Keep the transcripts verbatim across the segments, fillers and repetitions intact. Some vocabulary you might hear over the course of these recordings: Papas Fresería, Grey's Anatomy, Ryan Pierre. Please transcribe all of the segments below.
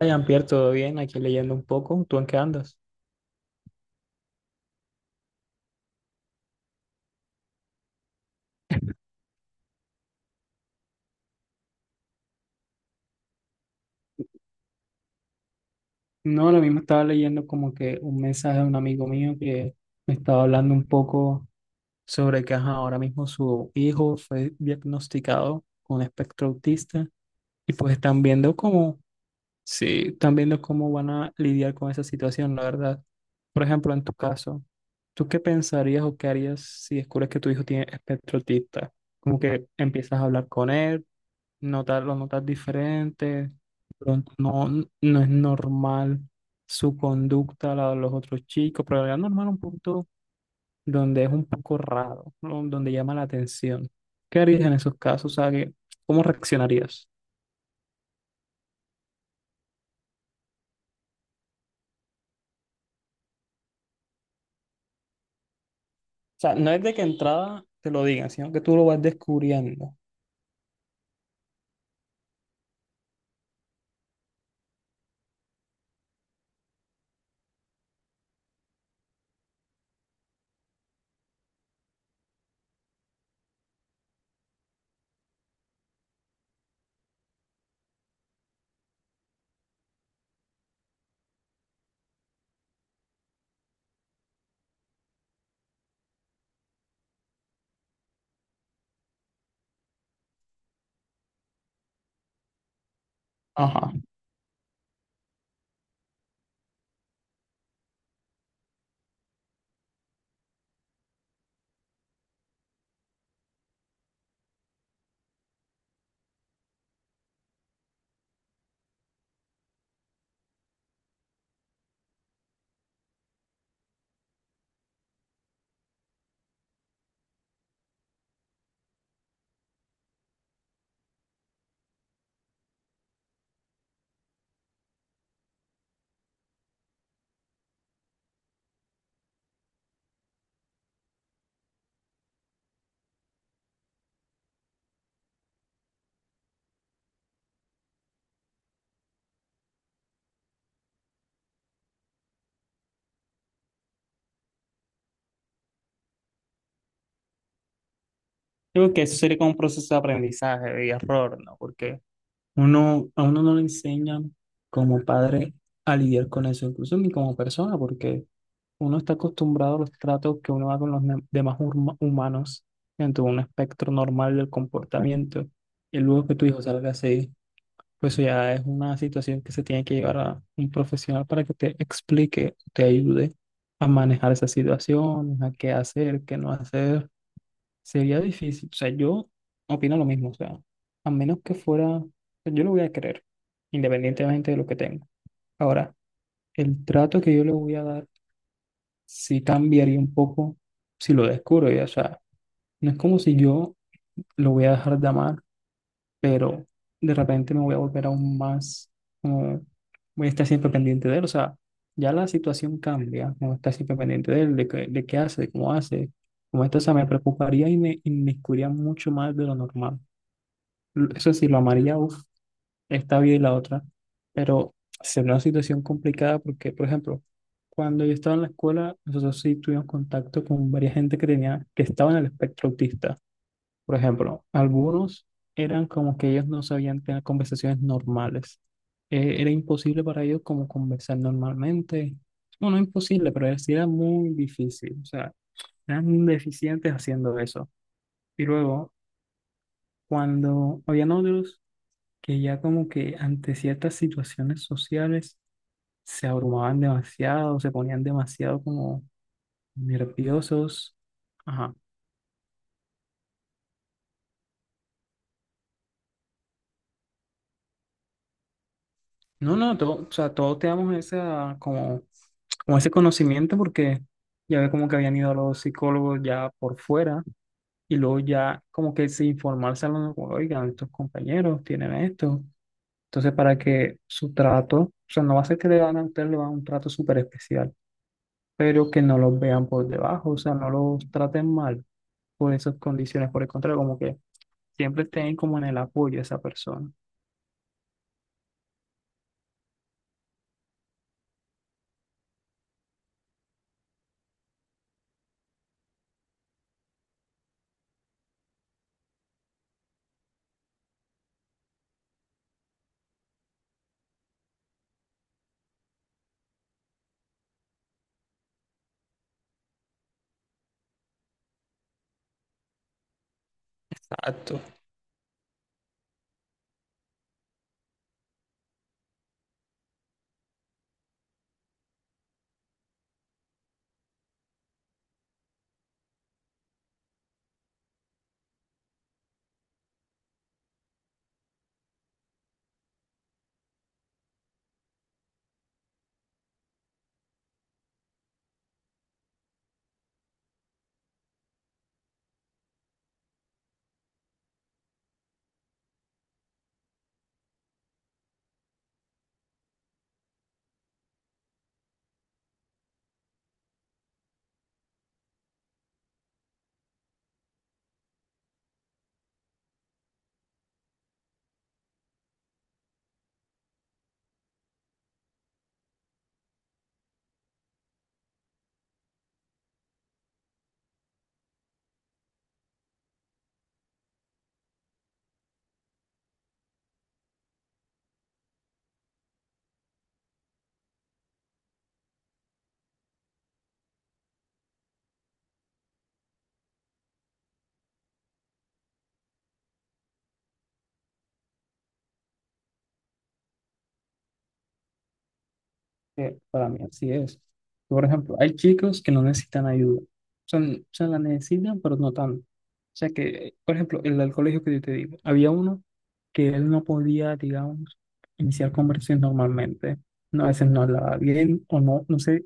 Ryan Pierre, todo bien, aquí leyendo un poco. ¿Tú en qué andas? No, lo mismo estaba leyendo como que un mensaje de un amigo mío que me estaba hablando un poco sobre que ajá, ahora mismo su hijo fue diagnosticado con espectro autista y pues están viendo cómo, sí, están viendo cómo van a lidiar con esa situación, la verdad. Por ejemplo, en tu caso, ¿tú qué pensarías o qué harías si descubres que tu hijo tiene espectro autista? Como que empiezas a hablar con él, notar, lo notas diferente, pronto no, no es normal su conducta, la de los otros chicos, pero es normal un punto donde es un poco raro, ¿no? Donde llama la atención. ¿Qué harías en esos casos? O sea, que- ¿cómo reaccionarías? O sea, no es de que entrada te lo digan, sino que tú lo vas descubriendo. Ajá. Creo que eso sería como un proceso de aprendizaje y error, ¿no? Porque uno, a uno no le enseñan como padre a lidiar con eso, incluso ni como persona, porque uno está acostumbrado a los tratos que uno da con los ne- demás hurma- humanos dentro de un espectro normal del comportamiento. Y luego que tu hijo salga así, pues eso ya es una situación que se tiene que llevar a un profesional para que te explique, te ayude a manejar esas situaciones, a qué hacer, qué no hacer. Sería difícil. O sea, yo opino lo mismo. O sea, a menos que fuera, yo lo voy a querer, independientemente de lo que tenga. Ahora, el trato que yo le voy a dar sí cambiaría un poco si lo descubro ya. O sea, no es como si yo lo voy a dejar de amar, pero de repente me voy a volver aún más, como, voy a estar siempre pendiente de él. O sea, ya la situación cambia, no estar siempre pendiente de él, de, qué- de qué hace, de cómo hace. Como esto, o sea, me preocuparía y me inmiscuiría mucho más de lo normal. Eso sí, lo amaría, esta vida y la otra, pero es una situación complicada porque, por ejemplo, cuando yo estaba en la escuela, nosotros sí tuvimos contacto con varias gente que tenía, que estaba en el espectro autista. Por ejemplo, algunos eran como que ellos no sabían tener conversaciones normales. Eh, era imposible para ellos como conversar normalmente. Bueno, no imposible, pero era- sí era muy difícil. O sea, eran deficientes haciendo eso. Y luego, cuando habían otros que ya como que ante ciertas situaciones sociales se abrumaban demasiado, se ponían demasiado como nerviosos. Ajá. No, no, todo, o sea, todos teníamos esa, como, como ese conocimiento porque ya ve como que habían ido a los psicólogos ya por fuera y luego ya como que se informarse a los, oigan, estos compañeros tienen esto. Entonces, para que su trato, o sea, no va a ser que le van a ustedes le van a un trato súper especial, pero que no los vean por debajo, o sea, no los traten mal por esas condiciones. Por el contrario, como que siempre tener como en el apoyo de esa persona. Exacto, que para mí así es. Por ejemplo, hay chicos que no necesitan ayuda. O sea, n- o sea, la necesitan, pero no tanto. O sea que, por ejemplo, el del colegio que yo te digo, había uno que él no podía, digamos, iniciar conversaciones normalmente. No, a veces no hablaba bien o no, no sé,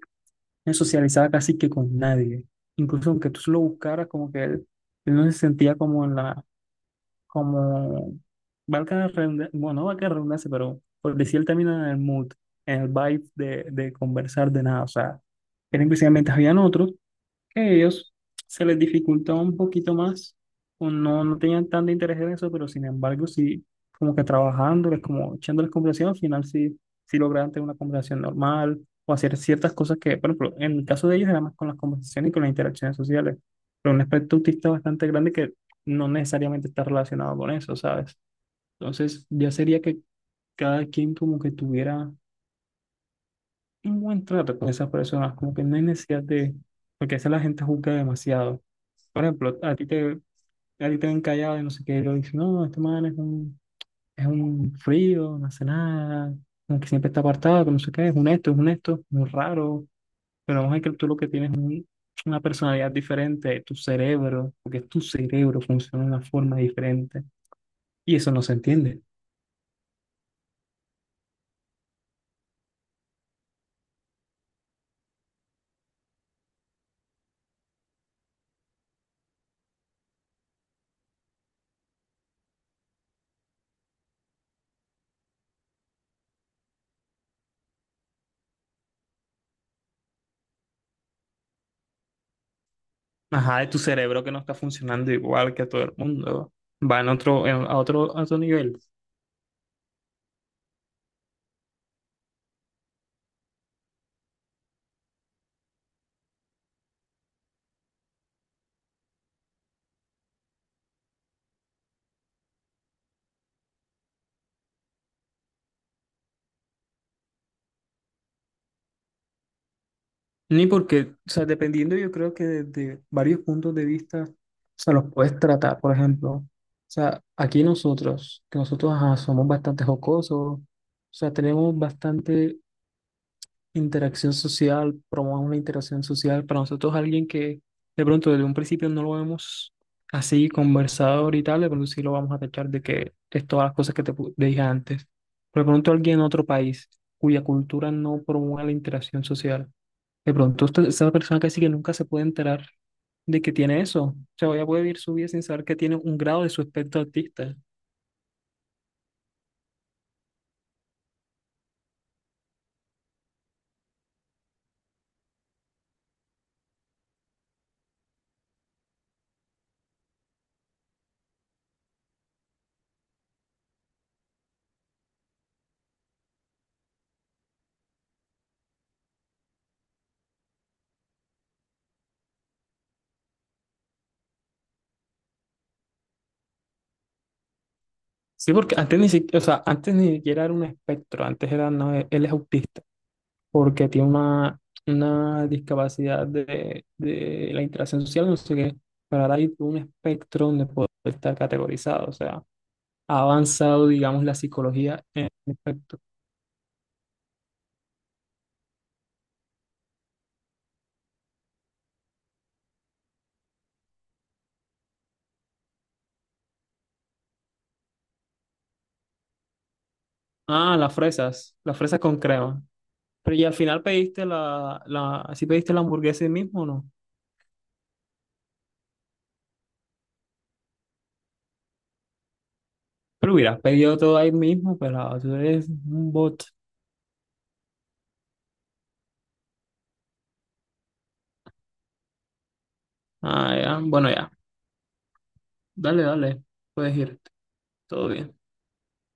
no socializaba casi que con nadie. Incluso aunque tú lo buscaras, como que él, él no se sentía como en la, como, valga la redundancia, bueno, no valga la redundancia, pero por decir el término, en el mood, en el vibe de, de conversar de nada, o sea, eran precisamente, habían otros que a ellos se les dificultaba un poquito más, o no, no tenían tanto interés en eso, pero sin embargo sí, como que trabajándoles, como echándoles conversación, al final sí, sí lograban tener una conversación normal, o hacer ciertas cosas que, por ejemplo, en el caso de ellos era más con las conversaciones y con las interacciones sociales, pero un aspecto autista bastante grande que no necesariamente está relacionado con eso, ¿sabes? Entonces, ya sería que cada quien como que tuviera un buen trato con esas personas, como que no hay necesidad de, porque a veces la gente juzga demasiado. Por ejemplo, a ti te, a ti te ven callado y no sé qué, y lo dicen, no, este man es un, es un frío, no hace nada, como que siempre está apartado, que no sé qué, es un esto, es un esto, muy raro, pero vamos a ver que tú lo que tienes es un- una personalidad diferente, tu cerebro, porque tu cerebro funciona de una forma diferente, y eso no se entiende. Ajá, de tu cerebro que no está funcionando igual que a todo el mundo. Va en otro, en- a otro, a otro nivel. Ni porque, o sea, dependiendo yo creo que desde varios puntos de vista, o sea, los puedes tratar, por ejemplo. O sea, aquí nosotros, que nosotros ajá, somos bastante jocosos, o sea, tenemos bastante interacción social, promueve una interacción social. Para nosotros, alguien que de pronto desde un principio no lo vemos así conversador y tal, de pronto sí lo vamos a tachar de que es todas las cosas que te pu- te dije antes. Pero de pronto alguien en otro país cuya cultura no promueve la interacción social. De pronto usted- esa persona casi que nunca se puede enterar de que tiene eso. O sea, ella puede vivir su vida sin saber que tiene un grado de su espectro autista. Sí, porque antes ni siquiera, o sea, antes ni siquiera era un espectro, antes era, no, él es autista. Porque tiene una, una discapacidad de, de la interacción social, no sé qué, pero ahora hay un espectro donde puede estar categorizado, o sea, ha avanzado, digamos, la psicología en el espectro. Ah, las fresas, las fresas con crema. Pero y al final pediste la, la, ¿si pediste la hamburguesa ahí mismo o no? Pero hubieras pedido todo ahí mismo, pero tú eres un bot. Ah, ya, bueno, ya, dale, dale, puedes ir, todo bien.